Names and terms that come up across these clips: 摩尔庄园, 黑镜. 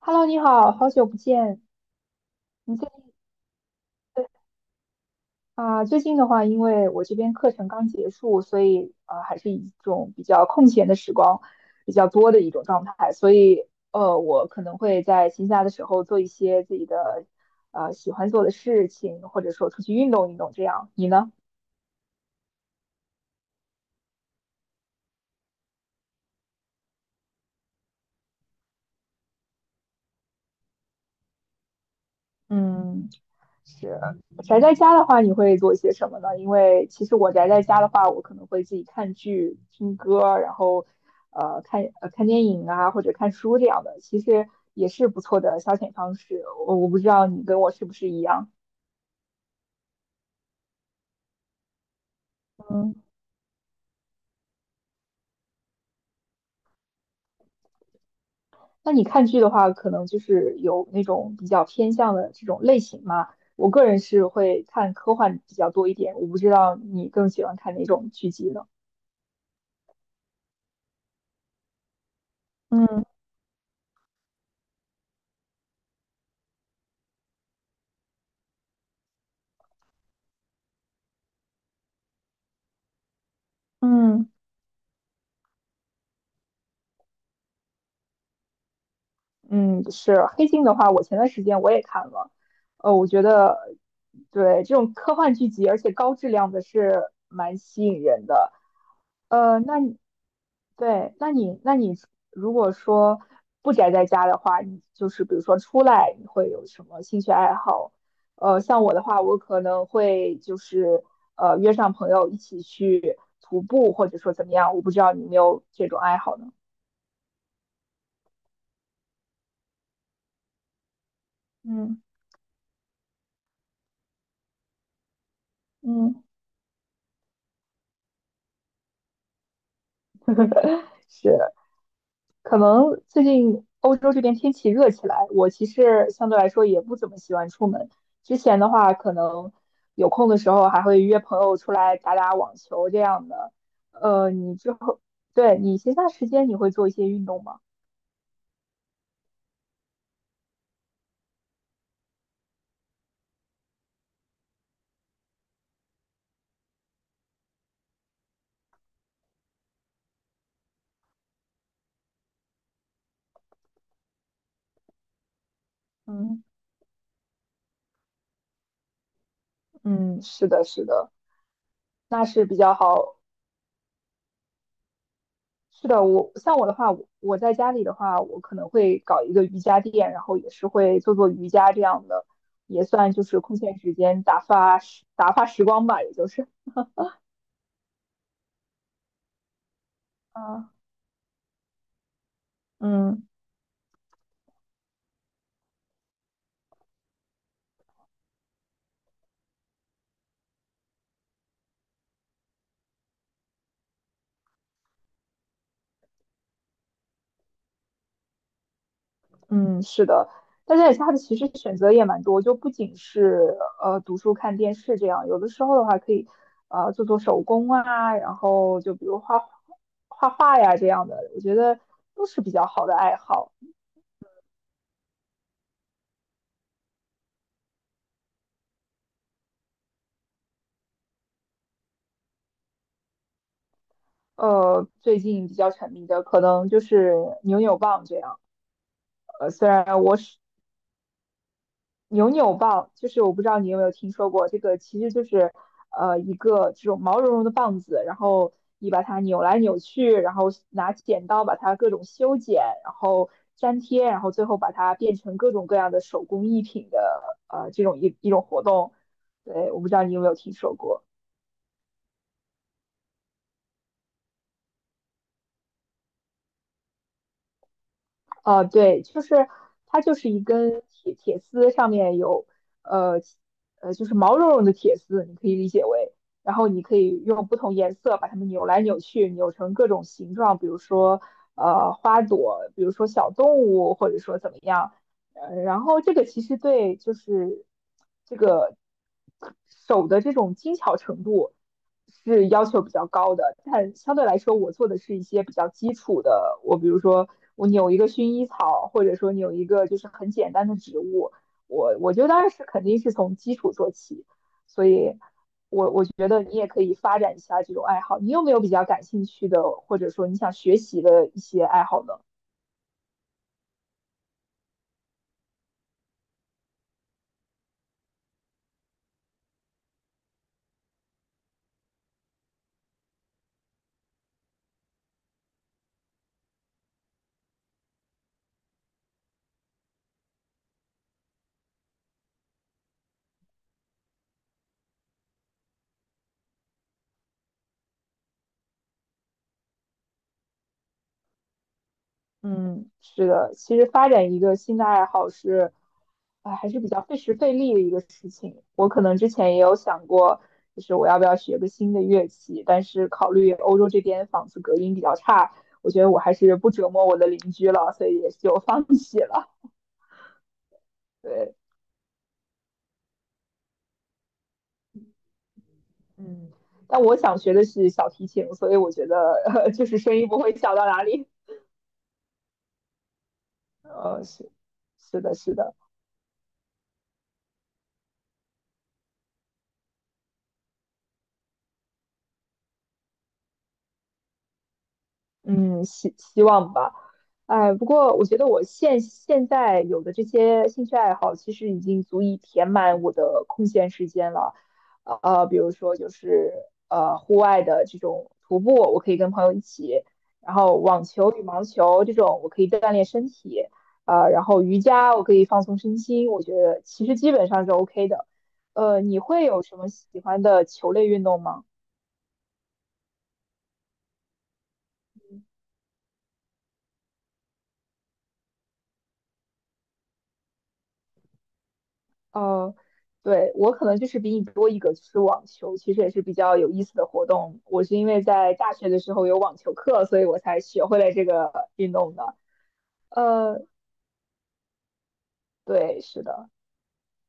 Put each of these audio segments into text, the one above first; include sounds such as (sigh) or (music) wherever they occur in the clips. Hello，你好，好久不见。你最近啊，最近的话，因为我这边课程刚结束，所以还是一种比较空闲的时光比较多的一种状态，所以我可能会在闲暇的时候做一些自己的喜欢做的事情，或者说出去运动运动这样。你呢？嗯。是宅在家的话，你会做些什么呢？因为其实我宅在家的话，我可能会自己看剧、听歌，然后看电影啊，或者看书这样的，其实也是不错的消遣方式。我不知道你跟我是不是一样。嗯，那你看剧的话，可能就是有那种比较偏向的这种类型嘛。我个人是会看科幻比较多一点，我不知道你更喜欢看哪种剧集呢？嗯嗯。嗯，是黑镜的话，我前段时间我也看了，我觉得对这种科幻剧集，而且高质量的是蛮吸引人的。呃，那你对，那你如果说不宅在家的话，你就是比如说出来，你会有什么兴趣爱好？像我的话，我可能会就是约上朋友一起去徒步，或者说怎么样，我不知道你有没有这种爱好呢？嗯嗯，(laughs) 是。可能最近欧洲这边天气热起来，我其实相对来说也不怎么喜欢出门。之前的话，可能有空的时候还会约朋友出来打打网球这样的。呃，你之后，对，你闲暇时间你会做一些运动吗？嗯嗯，是的，是的，那是比较好。是的，我像我的话，我在家里的话，我可能会搞一个瑜伽垫，然后也是会做做瑜伽这样的，也算就是空闲时间打发时光吧，也就是。啊，嗯嗯，是的，但是它的其实选择也蛮多，就不仅是读书、看电视这样，有的时候的话可以做做手工啊，然后就比如画画呀这样的，我觉得都是比较好的爱好。最近比较沉迷的可能就是扭扭棒这样。呃，虽然我扭扭棒，就是我不知道你有没有听说过，这个其实就是一个这种毛茸茸的棒子，然后你把它扭来扭去，然后拿剪刀把它各种修剪，然后粘贴，然后最后把它变成各种各样的手工艺品的这种一种活动。对，我不知道你有没有听说过。对，就是它就是一根铁丝，上面有呃就是毛茸茸的铁丝，你可以理解为，然后你可以用不同颜色把它们扭来扭去，扭成各种形状，比如说花朵，比如说小动物，或者说怎么样，然后这个其实对就是这个手的这种精巧程度。是要求比较高的，但相对来说，我做的是一些比较基础的。我比如说，我扭一个薰衣草，或者说扭一个就是很简单的植物，我觉得当然是肯定是从基础做起。所以我觉得你也可以发展一下这种爱好。你有没有比较感兴趣的，或者说你想学习的一些爱好呢？嗯，是的，其实发展一个新的爱好是，啊，还是比较费时费力的一个事情。我可能之前也有想过，就是我要不要学个新的乐器，但是考虑欧洲这边房子隔音比较差，我觉得我还是不折磨我的邻居了，所以也就 (laughs) 放弃了。对，嗯，但我想学的是小提琴，所以我觉得，(laughs) 就是声音不会小到哪里。(laughs) 是，是的，是的。嗯，希望吧。哎，不过我觉得我现在有的这些兴趣爱好，其实已经足以填满我的空闲时间了。比如说就是户外的这种徒步，我可以跟朋友一起；然后网球、羽毛球这种，我可以锻炼身体。然后瑜伽，我可以放松身心。我觉得其实基本上是 OK 的。你会有什么喜欢的球类运动吗？哦，对，我可能就是比你多一个，就是网球，其实也是比较有意思的活动。我是因为在大学的时候有网球课，所以我才学会了这个运动的。呃，对，是的。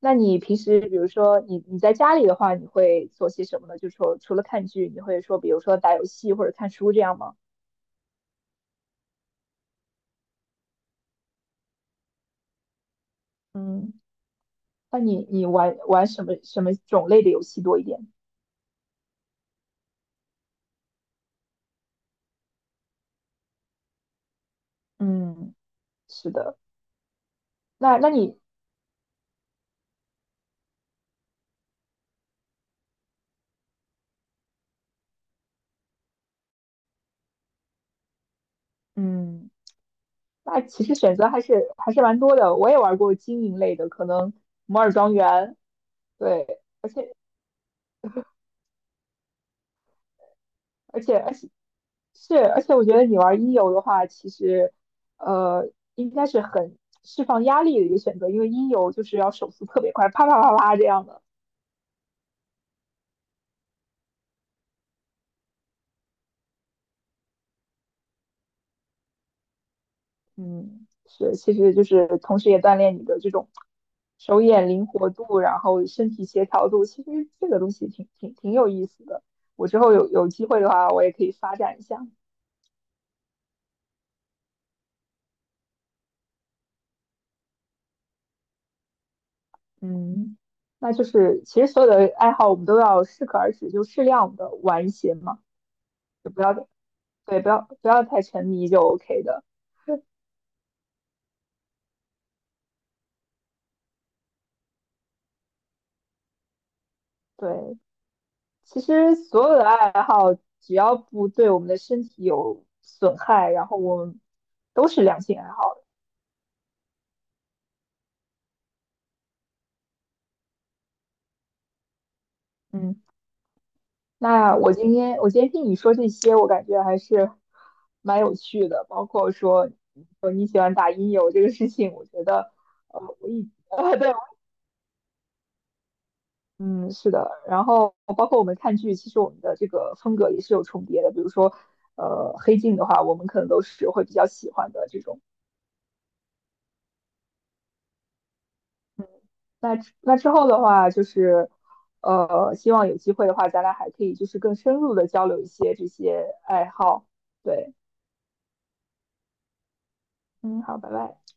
那你平时，比如说你在家里的话，你会做些什么呢？就说除了看剧，你会说，比如说打游戏或者看书这样吗？嗯，那你玩什么种类的游戏多一点？嗯，是的。那那你，嗯。那其实选择还是蛮多的。我也玩过经营类的，可能摩尔庄园，对，而且而且而且是，而且我觉得你玩音游的话，其实呃应该是很释放压力的一个选择，因为音游就是要手速特别快，啪啪啪啪这样的。嗯，是，其实就是同时也锻炼你的这种手眼灵活度，然后身体协调度。其实这个东西挺有意思的。我之后有机会的话，我也可以发展一下。嗯，那就是其实所有的爱好我们都要适可而止，就适量的玩一些嘛，就不要对，不要太沉迷就 OK 的。对，其实所有的爱好只要不对我们的身体有损害，然后我们都是良性爱好的。嗯，那我今天听你说这些，我感觉还是蛮有趣的，包括说你喜欢打音游这个事情，我觉得呃我一 (laughs) 对嗯，是的，然后包括我们看剧，其实我们的这个风格也是有重叠的。比如说，黑镜的话，我们可能都是会比较喜欢的这种。那之后的话，就是希望有机会的话，咱俩还可以就是更深入的交流一些这些爱好。对，嗯，好，拜拜。